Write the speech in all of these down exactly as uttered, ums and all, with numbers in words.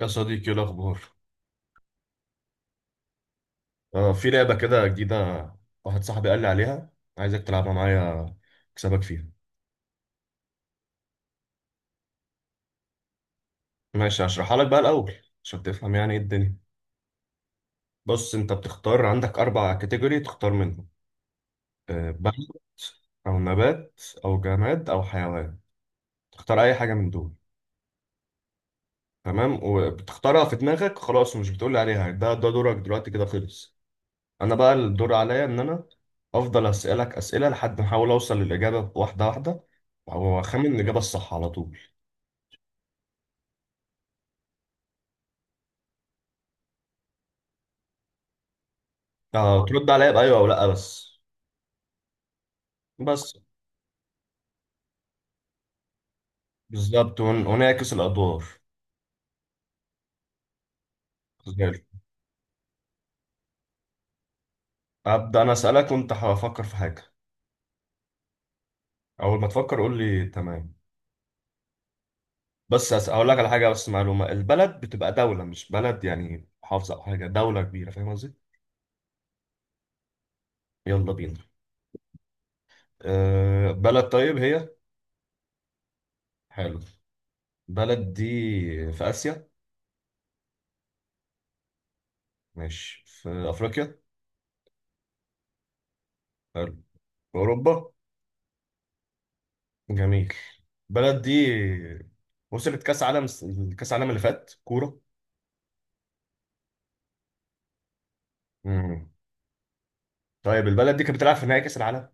يا صديقي، ايه الاخبار؟ آه، في لعبه كده جديده. واحد صاحبي قال لي عليها، عايزك تلعبها معايا، اكسبك فيها. ماشي، هشرحها لك بقى الاول عشان تفهم يعني ايه الدنيا. بص، انت بتختار عندك اربع كاتيجوري تختار منهم. آه، بلد او نبات او جماد او حيوان، تختار اي حاجه من دول. تمام. وبتختارها في دماغك خلاص، ومش بتقول لي عليها. ده ده دورك دلوقتي كده، خلص. انا بقى الدور عليا ان انا افضل اسالك اسئله لحد ما احاول اوصل للاجابه، واحده واحده، واخمن الاجابه الصح على طول. آه، ترد عليا بايوه او لا بس. بس بالظبط، ون- ونعكس الادوار. زي الفل. ابدا، انا اسالك وانت هفكر في حاجه. اول ما تفكر قول لي تمام. بس أس- اقول لك على حاجه، بس معلومه، البلد بتبقى دوله مش بلد يعني محافظه او حاجه، دوله كبيره، فاهم قصدي؟ يلا بينا. أه، بلد طيب هي. حلو. بلد دي في اسيا؟ ماشي، في افريقيا؟ حلو. أوروبا؟ جميل. البلد دي وصلت كأس عالم، كأس عالم اللي فات، كورة. امم طيب البلد دي كانت بتلعب في نهائي كأس العالم؟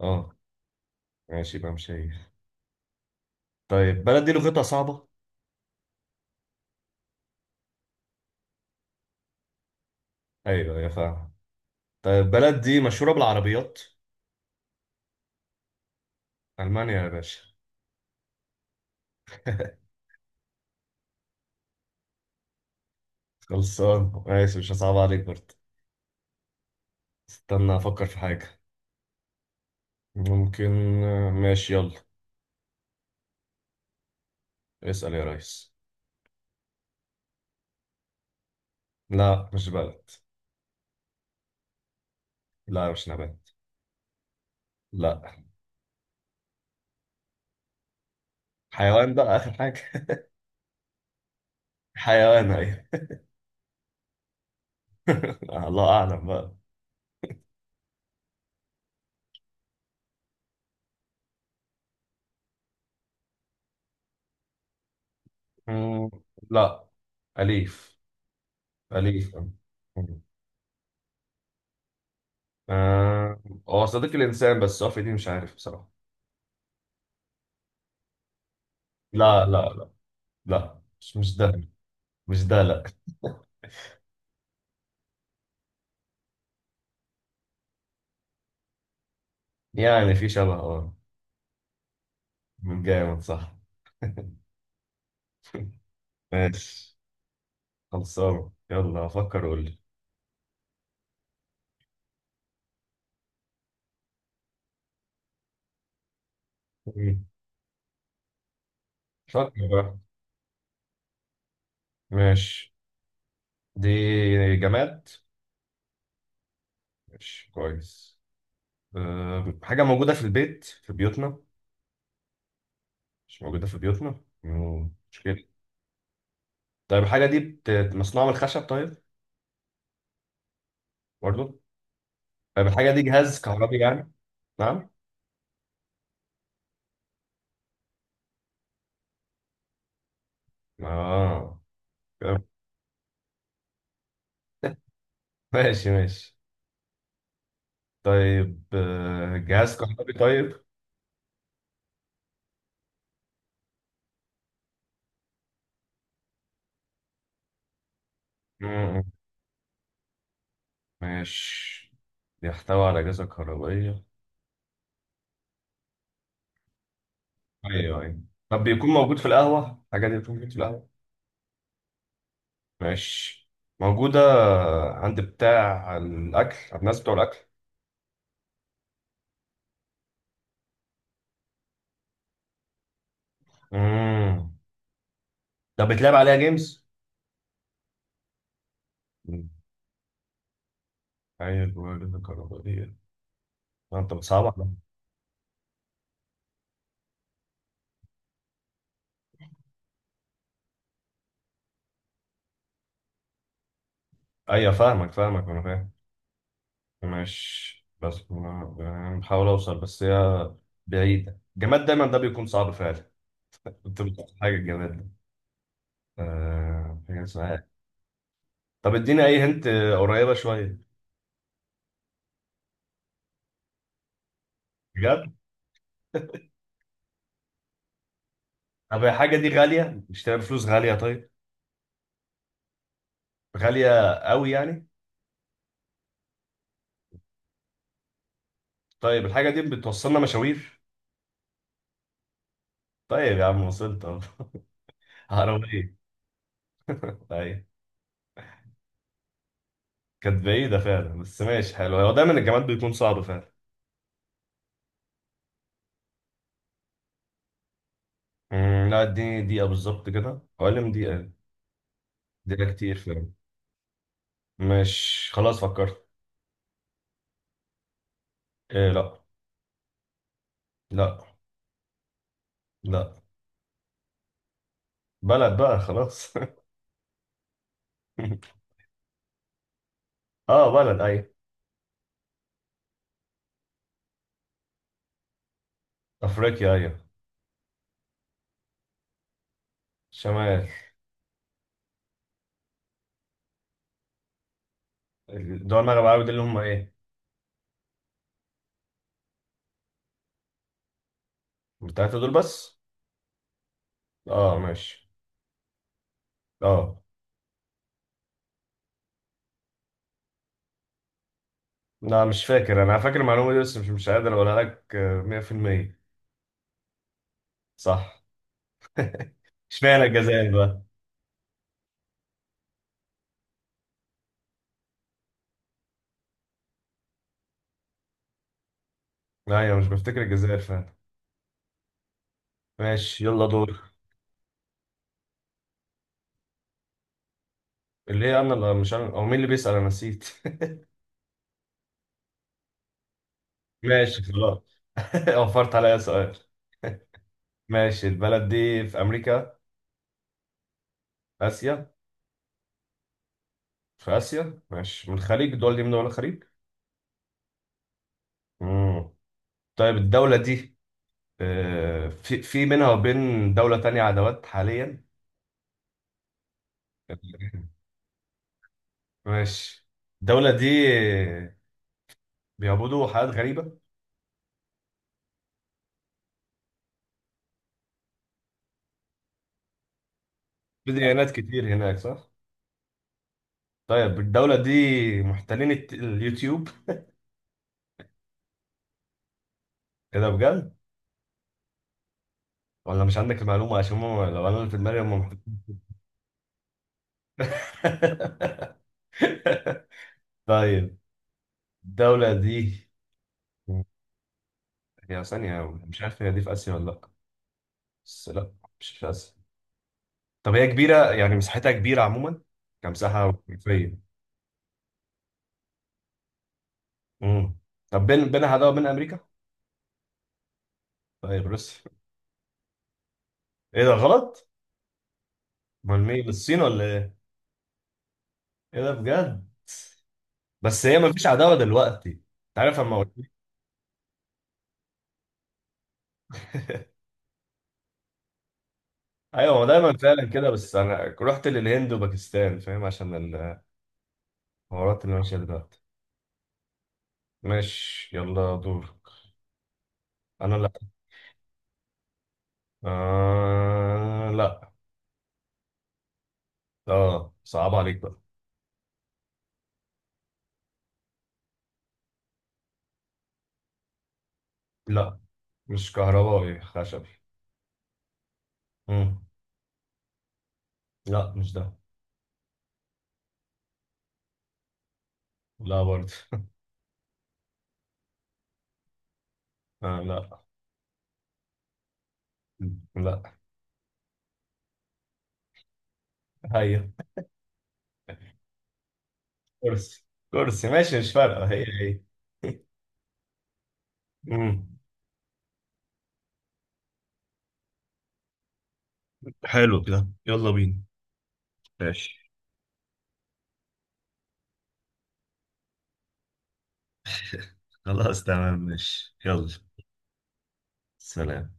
اه، ماشي بقى مش هي. طيب البلد دي لغتها صعبة؟ ايوه، يا فاهم. طيب البلد دي مشهورة بالعربيات؟ ألمانيا يا باشا. خلصان ماشي، مش هصعب عليك برضه. استنى أفكر في حاجة. ممكن. ماشي، يلا اسأل يا ريس. لا، مش بلد. لا، مش نبات. لا، حيوان بقى آخر حاجة. حيوان، أيوه. آه، الله اعلم بقى. مم، لا، أليف أليف. مم. آه، هو صديق الإنسان، بس هو في دي مش عارف بصراحة. لا لا لا، لا مش مش ده. مش ده، لا. يعني في شبه، اه. من جامد، صح. ماشي، خلصانة، يلا فكر قول لي. مم. فكر بقى. ماشي. دي جماد. ماشي كويس. أه، حاجة موجودة في البيت في بيوتنا؟ مش موجودة في بيوتنا. مم. مشكلة. طيب الحاجة دي بت- مصنوعة من الخشب طيب؟ برضو؟ طيب الحاجة دي جهاز كهربي يعني؟ نعم. اه. طيب ماشي ماشي. طيب آه، جهاز كهربي طيب. مم، ماشي. بيحتوي على أجهزة كهربائية. أيوه أيوه. طب بيكون موجود في القهوة؟ الحاجة دي بتكون موجودة في القهوة؟ ماشي. موجودة عند بتاع الأكل، عند الناس بتوع الأكل. مم. طب بتلعب عليها جيمز؟ مم. أيوه. جهاز كهربائية. أنت بتصعبها. ايوه، فاهمك فاهمك، انا فاهم. ماشي، بس ما- يعني بحاول اوصل، بس هي بعيدة. الجماد دايما ده بيكون صعب فعلا. كنت بتقول حاجة، الجماد ده آه، حاجة اسمها إيه؟ طب اديني اي هنت. قريبة شوية؟ بجد؟ طب الحاجة دي غالية، نشتريها بفلوس غالية طيب؟ غالية قوي يعني؟ طيب الحاجة دي بتوصلنا مشاوير؟ طيب يا عم، وصلت اهو. عربية. طيب، كانت بعيدة فعلا بس ماشي حلو. هو دايما الجماد بيكون صعب فعلا. أمم، لا، اديني دقيقة بالظبط كده، حوالي دقيقة. ده كتير فعلا؟ مش خلاص فكرت. إيه لا. لا لا. بلد بقى خلاص. اه بلد، ايوه. افريقيا، ايوه. شمال. دول المغرب العربي دول اللي هم ايه؟ التلاتة دول بس؟ اه ماشي. اه. لا، مش فاكر. انا فاكر المعلومة دي، بس مش مش قادر اقولها لك آه، مية في المية. صح. اشمعنى الجزائر بقى؟ ايوه، مش بفتكر الجزائر فعلا. ماشي، يلا دور. اللي هي انا اللي، مش انا او مين اللي بيسأل؟ انا نسيت. ماشي خلاص. وفرت عليا سؤال. ماشي، البلد دي في أمريكا؟ آسيا؟ في آسيا. ماشي، من الخليج؟ الدول دي من دول الخليج؟ مم. طيب الدولة دي آه، في في بينها وبين دولة تانية عداوات حاليا؟ ماشي. الدولة دي بيعبدوا حاجات غريبة؟ في ديانات كتير هناك صح؟ طيب الدولة دي محتلين الت- اليوتيوب؟ ايه ده بجد؟ ولا مش عندك المعلومة؟ عشان هم، لو انا اللي في دماغي، هم محتلين. طيب الدولة دي هي ثانية. مش عارف هي دي في آسيا ولا لأ. بس لأ، مش في آسيا. طب هي كبيرة، يعني مساحتها كبيرة عموما، كمساحة وكيفية. امم. طب بين بينها عداوة بين أمريكا؟ طيب روسيا؟ إيه ده غلط؟ أمال مين، الصين ولا إيه؟ إيه ده بجد؟ بس هي مفيش عداوة دلوقتي، أنت عارف أما قلت. أيوة، ما دايما فعلا كده، بس أنا رحت للهند وباكستان، فاهم؟ عشان الحوارات اللي ماشية دلوقتي. ماشي، يلا دورك. أنا لأ. آه لأ. آه، صعب عليك بقى. لا، مش كهربائي خشبي. مم. لا، مش ده. لا برضه. آه لا. لا هي. كرسي. كرسي، ماشي، مش فارقة، هي هي. مم. حلو كده، يلا بينا. ماشي. خلاص تمام، ماشي يلا. سلام.